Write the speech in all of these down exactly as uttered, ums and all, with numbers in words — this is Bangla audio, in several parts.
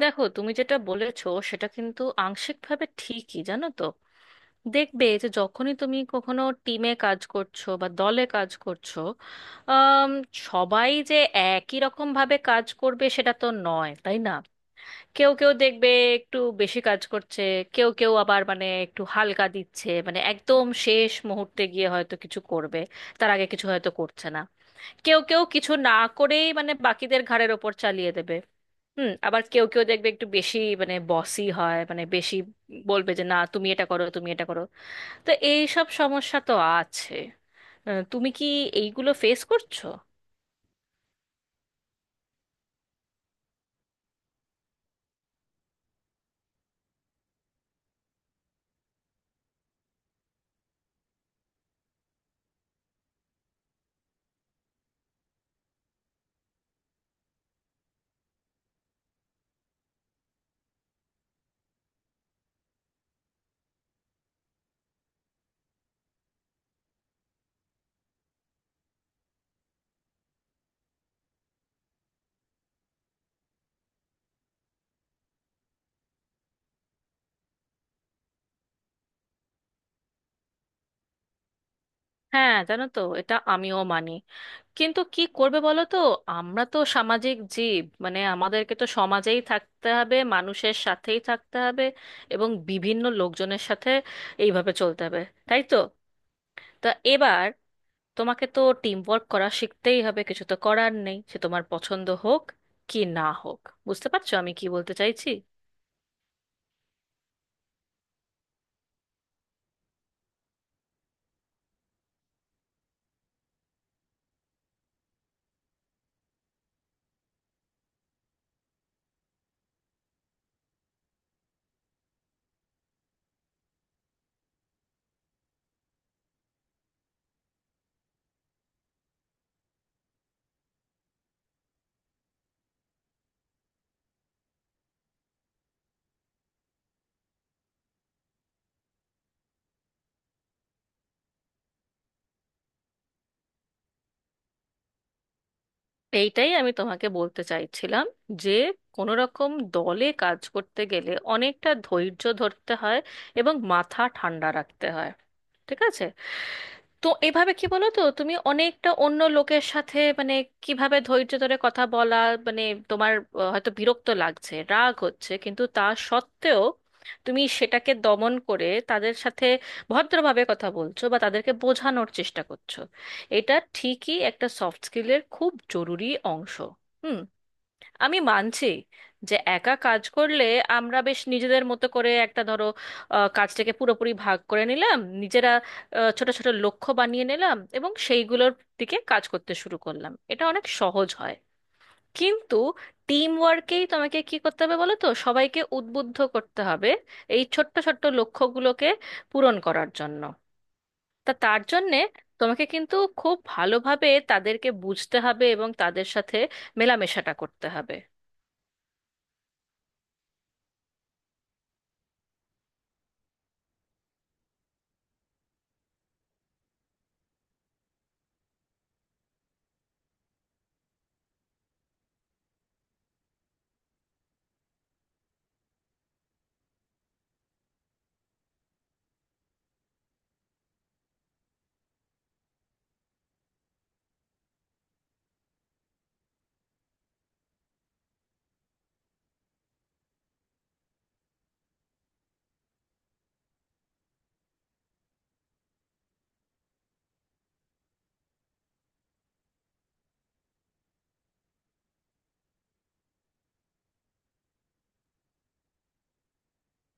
দেখো, তুমি যেটা বলেছো সেটা কিন্তু আংশিকভাবে ঠিকই, জানো তো। দেখবে যে যখনই তুমি কখনো টিমে কাজ করছো বা দলে কাজ করছো, আম, সবাই যে একই রকম ভাবে কাজ করবে সেটা তো নয়, তাই না। কেউ কেউ দেখবে একটু বেশি কাজ করছে, কেউ কেউ আবার মানে একটু হালকা দিচ্ছে, মানে একদম শেষ মুহূর্তে গিয়ে হয়তো কিছু করবে, তার আগে কিছু হয়তো করছে না। কেউ কেউ কিছু না করেই মানে বাকিদের ঘাড়ের ওপর চালিয়ে দেবে। হুম, আবার কেউ কেউ দেখবে একটু বেশি মানে বসি হয়, মানে বেশি বলবে যে না তুমি এটা করো তুমি এটা করো। তো এই সব সমস্যা তো আছে। আহ, তুমি কি এইগুলো ফেস করছো? হ্যাঁ, জানো তো, এটা আমিও মানি, কিন্তু কি করবে বলো তো। আমরা তো সামাজিক জীব, মানে আমাদেরকে তো সমাজেই থাকতে হবে, মানুষের সাথেই থাকতে হবে এবং বিভিন্ন লোকজনের সাথে এইভাবে চলতে হবে, তাই তো। তা এবার তোমাকে তো টিম ওয়ার্ক করা শিখতেই হবে, কিছু তো করার নেই, সে তোমার পছন্দ হোক কি না হোক। বুঝতে পারছো আমি কি বলতে চাইছি? এইটাই আমি তোমাকে বলতে চাইছিলাম যে কোনো রকম দলে কাজ করতে গেলে অনেকটা ধৈর্য ধরতে হয় এবং মাথা ঠান্ডা রাখতে হয়, ঠিক আছে। তো এভাবে কি বলো তো, তুমি অনেকটা অন্য লোকের সাথে মানে কিভাবে ধৈর্য ধরে কথা বলা, মানে তোমার আহ, হয়তো বিরক্ত লাগছে, রাগ হচ্ছে, কিন্তু তা সত্ত্বেও তুমি সেটাকে দমন করে তাদের সাথে ভদ্রভাবে কথা বলছো বা তাদেরকে বোঝানোর চেষ্টা করছো, এটা ঠিকই একটা সফট স্কিলের খুব জরুরি অংশ। হুম, আমি মানছি যে একা কাজ করলে আমরা বেশ নিজেদের মতো করে একটা ধরো আহ, কাজটাকে পুরোপুরি ভাগ করে নিলাম নিজেরা, আহ, ছোট ছোট লক্ষ্য বানিয়ে নিলাম এবং সেইগুলোর দিকে কাজ করতে শুরু করলাম, এটা অনেক সহজ হয়। কিন্তু টিম ওয়ার্কেই তোমাকে কি করতে হবে বলো তো, সবাইকে উদ্বুদ্ধ করতে হবে এই ছোট্ট ছোট্ট লক্ষ্যগুলোকে পূরণ করার জন্য। তা তার জন্যে তোমাকে কিন্তু খুব ভালোভাবে তাদেরকে বুঝতে হবে এবং তাদের সাথে মেলামেশাটা করতে হবে।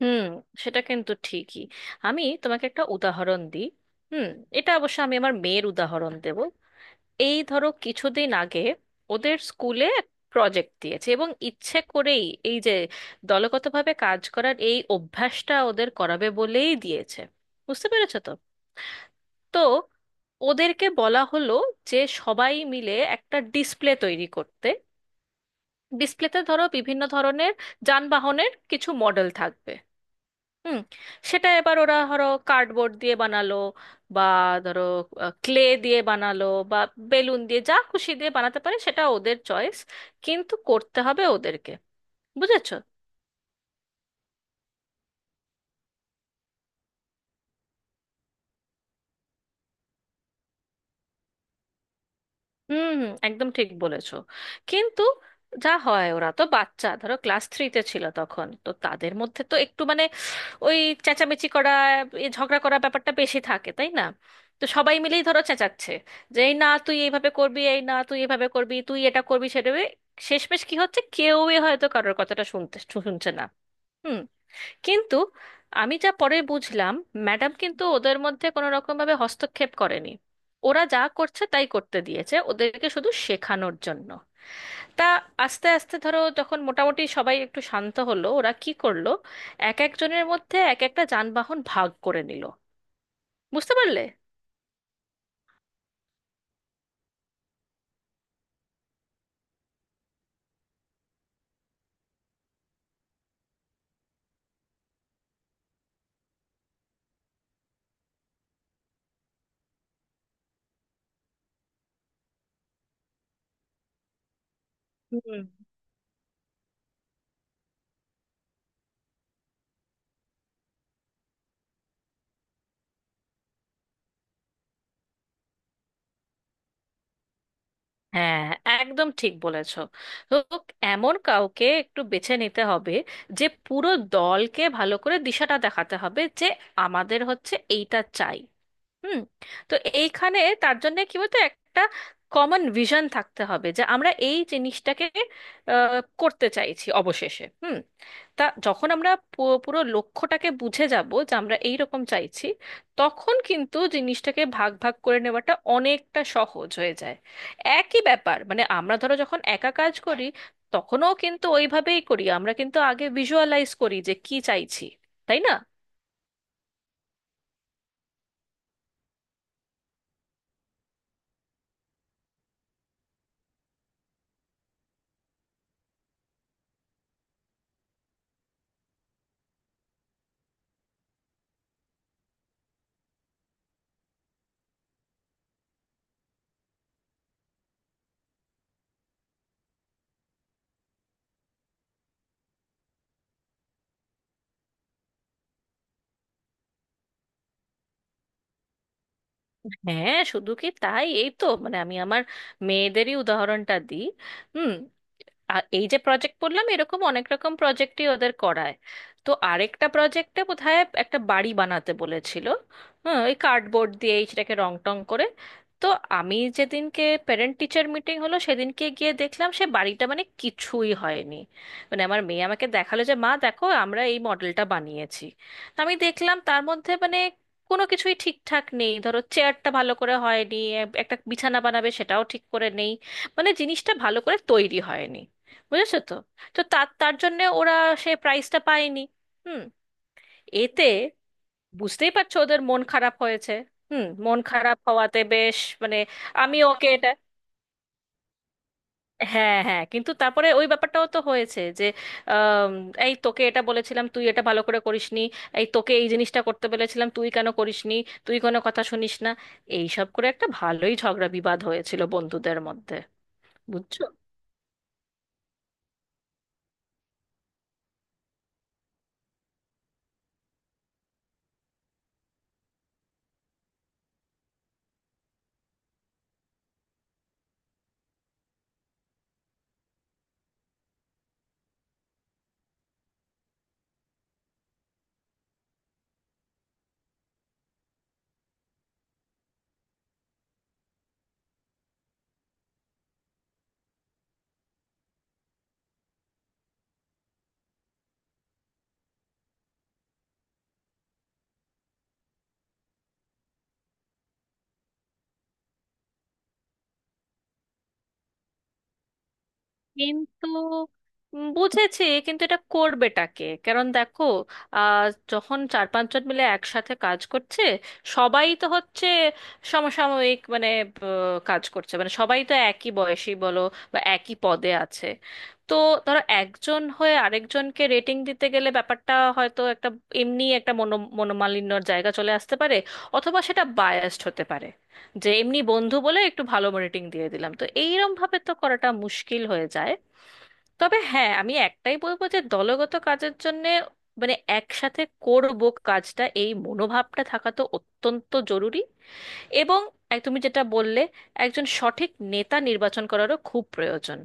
হুম, সেটা কিন্তু ঠিকই। আমি তোমাকে একটা উদাহরণ দিই। হুম। এটা অবশ্য আমি আমার মেয়ের উদাহরণ দেব। এই ধরো, কিছুদিন আগে ওদের স্কুলে প্রজেক্ট দিয়েছে, এবং ইচ্ছে করেই এই যে দলগতভাবে কাজ করার এই অভ্যাসটা ওদের করাবে বলেই দিয়েছে, বুঝতে পেরেছো তো। তো ওদেরকে বলা হলো যে সবাই মিলে একটা ডিসপ্লে তৈরি করতে। ডিসপ্লেতে ধরো বিভিন্ন ধরনের যানবাহনের কিছু মডেল থাকবে। হুম। সেটা এবার ওরা ধরো কার্ডবোর্ড দিয়ে বানালো, বা ধরো ক্লে দিয়ে বানালো, বা বেলুন দিয়ে, যা খুশি দিয়ে বানাতে পারে, সেটা ওদের চয়েস, কিন্তু করতে হবে ওদেরকে। বুঝেছো। হুম, হুম, একদম ঠিক বলেছো। কিন্তু যা হয়, ওরা তো বাচ্চা, ধরো ক্লাস থ্রিতে ছিল তখন, তো তাদের মধ্যে তো একটু মানে ওই চেঁচামেচি করা, এ ঝগড়া করা ব্যাপারটা বেশি থাকে, তাই না। তো সবাই মিলেই ধরো চেঁচাচ্ছে যে এই না তুই এইভাবে করবি, এই না তুই এভাবে করবি, তুই এটা করবি সেটা করবি। শেষমেশ কি হচ্ছে, কেউই হয়তো কারোর কথাটা শুনতে শু- শুনছে না। হুম। কিন্তু আমি যা পরে বুঝলাম, ম্যাডাম কিন্তু ওদের মধ্যে কোনো রকম ভাবে হস্তক্ষেপ করেনি, ওরা যা করছে তাই করতে দিয়েছে ওদেরকে, শুধু শেখানোর জন্য। তা আস্তে আস্তে ধরো যখন মোটামুটি সবাই একটু শান্ত হলো, ওরা কি করলো, এক একজনের মধ্যে এক একটা যানবাহন ভাগ করে নিল। বুঝতে পারলে। হুম। হ্যাঁ, একদম ঠিক বলেছো। তো এমন কাউকে একটু বেছে নিতে হবে যে পুরো দলকে ভালো করে দিশাটা দেখাতে হবে যে আমাদের হচ্ছে এইটা চাই। হুম। তো এইখানে তার জন্য কি বলতো, একটা কমন ভিশন থাকতে হবে যে আমরা এই জিনিসটাকে আহ, করতে চাইছি অবশেষে। হুম। তা যখন আমরা পু- পুরো লক্ষ্যটাকে বুঝে যাব যে আমরা এই রকম চাইছি, তখন কিন্তু জিনিসটাকে ভাগ ভাগ করে নেওয়াটা অনেকটা সহজ হয়ে যায়। একই ব্যাপার, মানে আমরা ধরো যখন একা কাজ করি, তখনও কিন্তু ওইভাবেই করি আমরা, কিন্তু আগে ভিজুয়ালাইজ করি যে কি চাইছি, তাই না। হ্যাঁ, শুধু কি তাই, এই তো, মানে আমি আমার মেয়েদেরই উদাহরণটা দিই। হুম। আ- এই যে প্রজেক্ট বললাম, এরকম অনেক রকম প্রজেক্টই ওদের করায়। তো আরেকটা প্রজেক্টে বোধহয় একটা বাড়ি বানাতে বলেছিল, হ্যাঁ, ওই কার্ডবোর্ড দিয়ে, এই সেটাকে রং টং করে। তো আমি যেদিনকে প্যারেন্ট টিচার মিটিং হলো সেদিনকে গিয়ে দেখলাম সে বাড়িটা মানে কিছুই হয়নি। মানে আমার মেয়ে আমাকে দেখালো যে মা দেখো আমরা এই মডেলটা বানিয়েছি। তো আমি দেখলাম তার মধ্যে মানে কোনো কিছুই ঠিকঠাক নেই, ধরো চেয়ারটা ভালো করে হয়নি, একটা বিছানা বানাবে সেটাও ঠিক করে নেই, মানে জিনিসটা ভালো করে তৈরি হয়নি, বুঝেছো তো। তো তার তার জন্য ওরা সে প্রাইজটা পায়নি। হুম। এতে বুঝতেই পারছো ওদের মন খারাপ হয়েছে। হুম, মন খারাপ হওয়াতে বেশ, মানে আমি ওকে এটা হ্যাঁ, হ্যাঁ, কিন্তু তারপরে ওই ব্যাপারটাও তো হয়েছে যে আম, এই তোকে এটা বলেছিলাম তুই এটা ভালো করে করিসনি, এই তোকে এই জিনিসটা করতে বলেছিলাম তুই কেন করিসনি, তুই কোনো কথা শুনিস না, এই সব করে একটা ভালোই ঝগড়া বিবাদ হয়েছিল বন্ধুদের মধ্যে। বুঝছো। কিন্তু উম, বুঝেছি, কিন্তু এটা করবেটাকে, কারণ দেখো, আহ যখন চার পাঁচজন মিলে একসাথে কাজ করছে, সবাই তো হচ্ছে সমসাময়িক, মানে আহ, কাজ করছে, মানে সবাই তো একই বয়সী বলো, বা একই পদে আছে। তো ধরো একজন হয়ে আরেকজনকে রেটিং দিতে গেলে ব্যাপারটা হয়তো একটা এমনি একটা মনো মনোমালিন্যর জায়গা চলে আসতে পারে, অথবা সেটা বায়াসড হতে পারে, যে এমনি বন্ধু বলে একটু ভালো রেটিং দিয়ে দিলাম, তো এইরকম ভাবে তো করাটা মুশকিল হয়ে যায়। তবে হ্যাঁ, আমি একটাই বলবো যে দলগত কাজের জন্য মানে একসাথে করব কাজটা, এই মনোভাবটা থাকা তো অত্যন্ত জরুরি। এবং এক- তুমি যেটা বললে, একজন সঠিক নেতা নির্বাচন করারও খুব প্রয়োজন।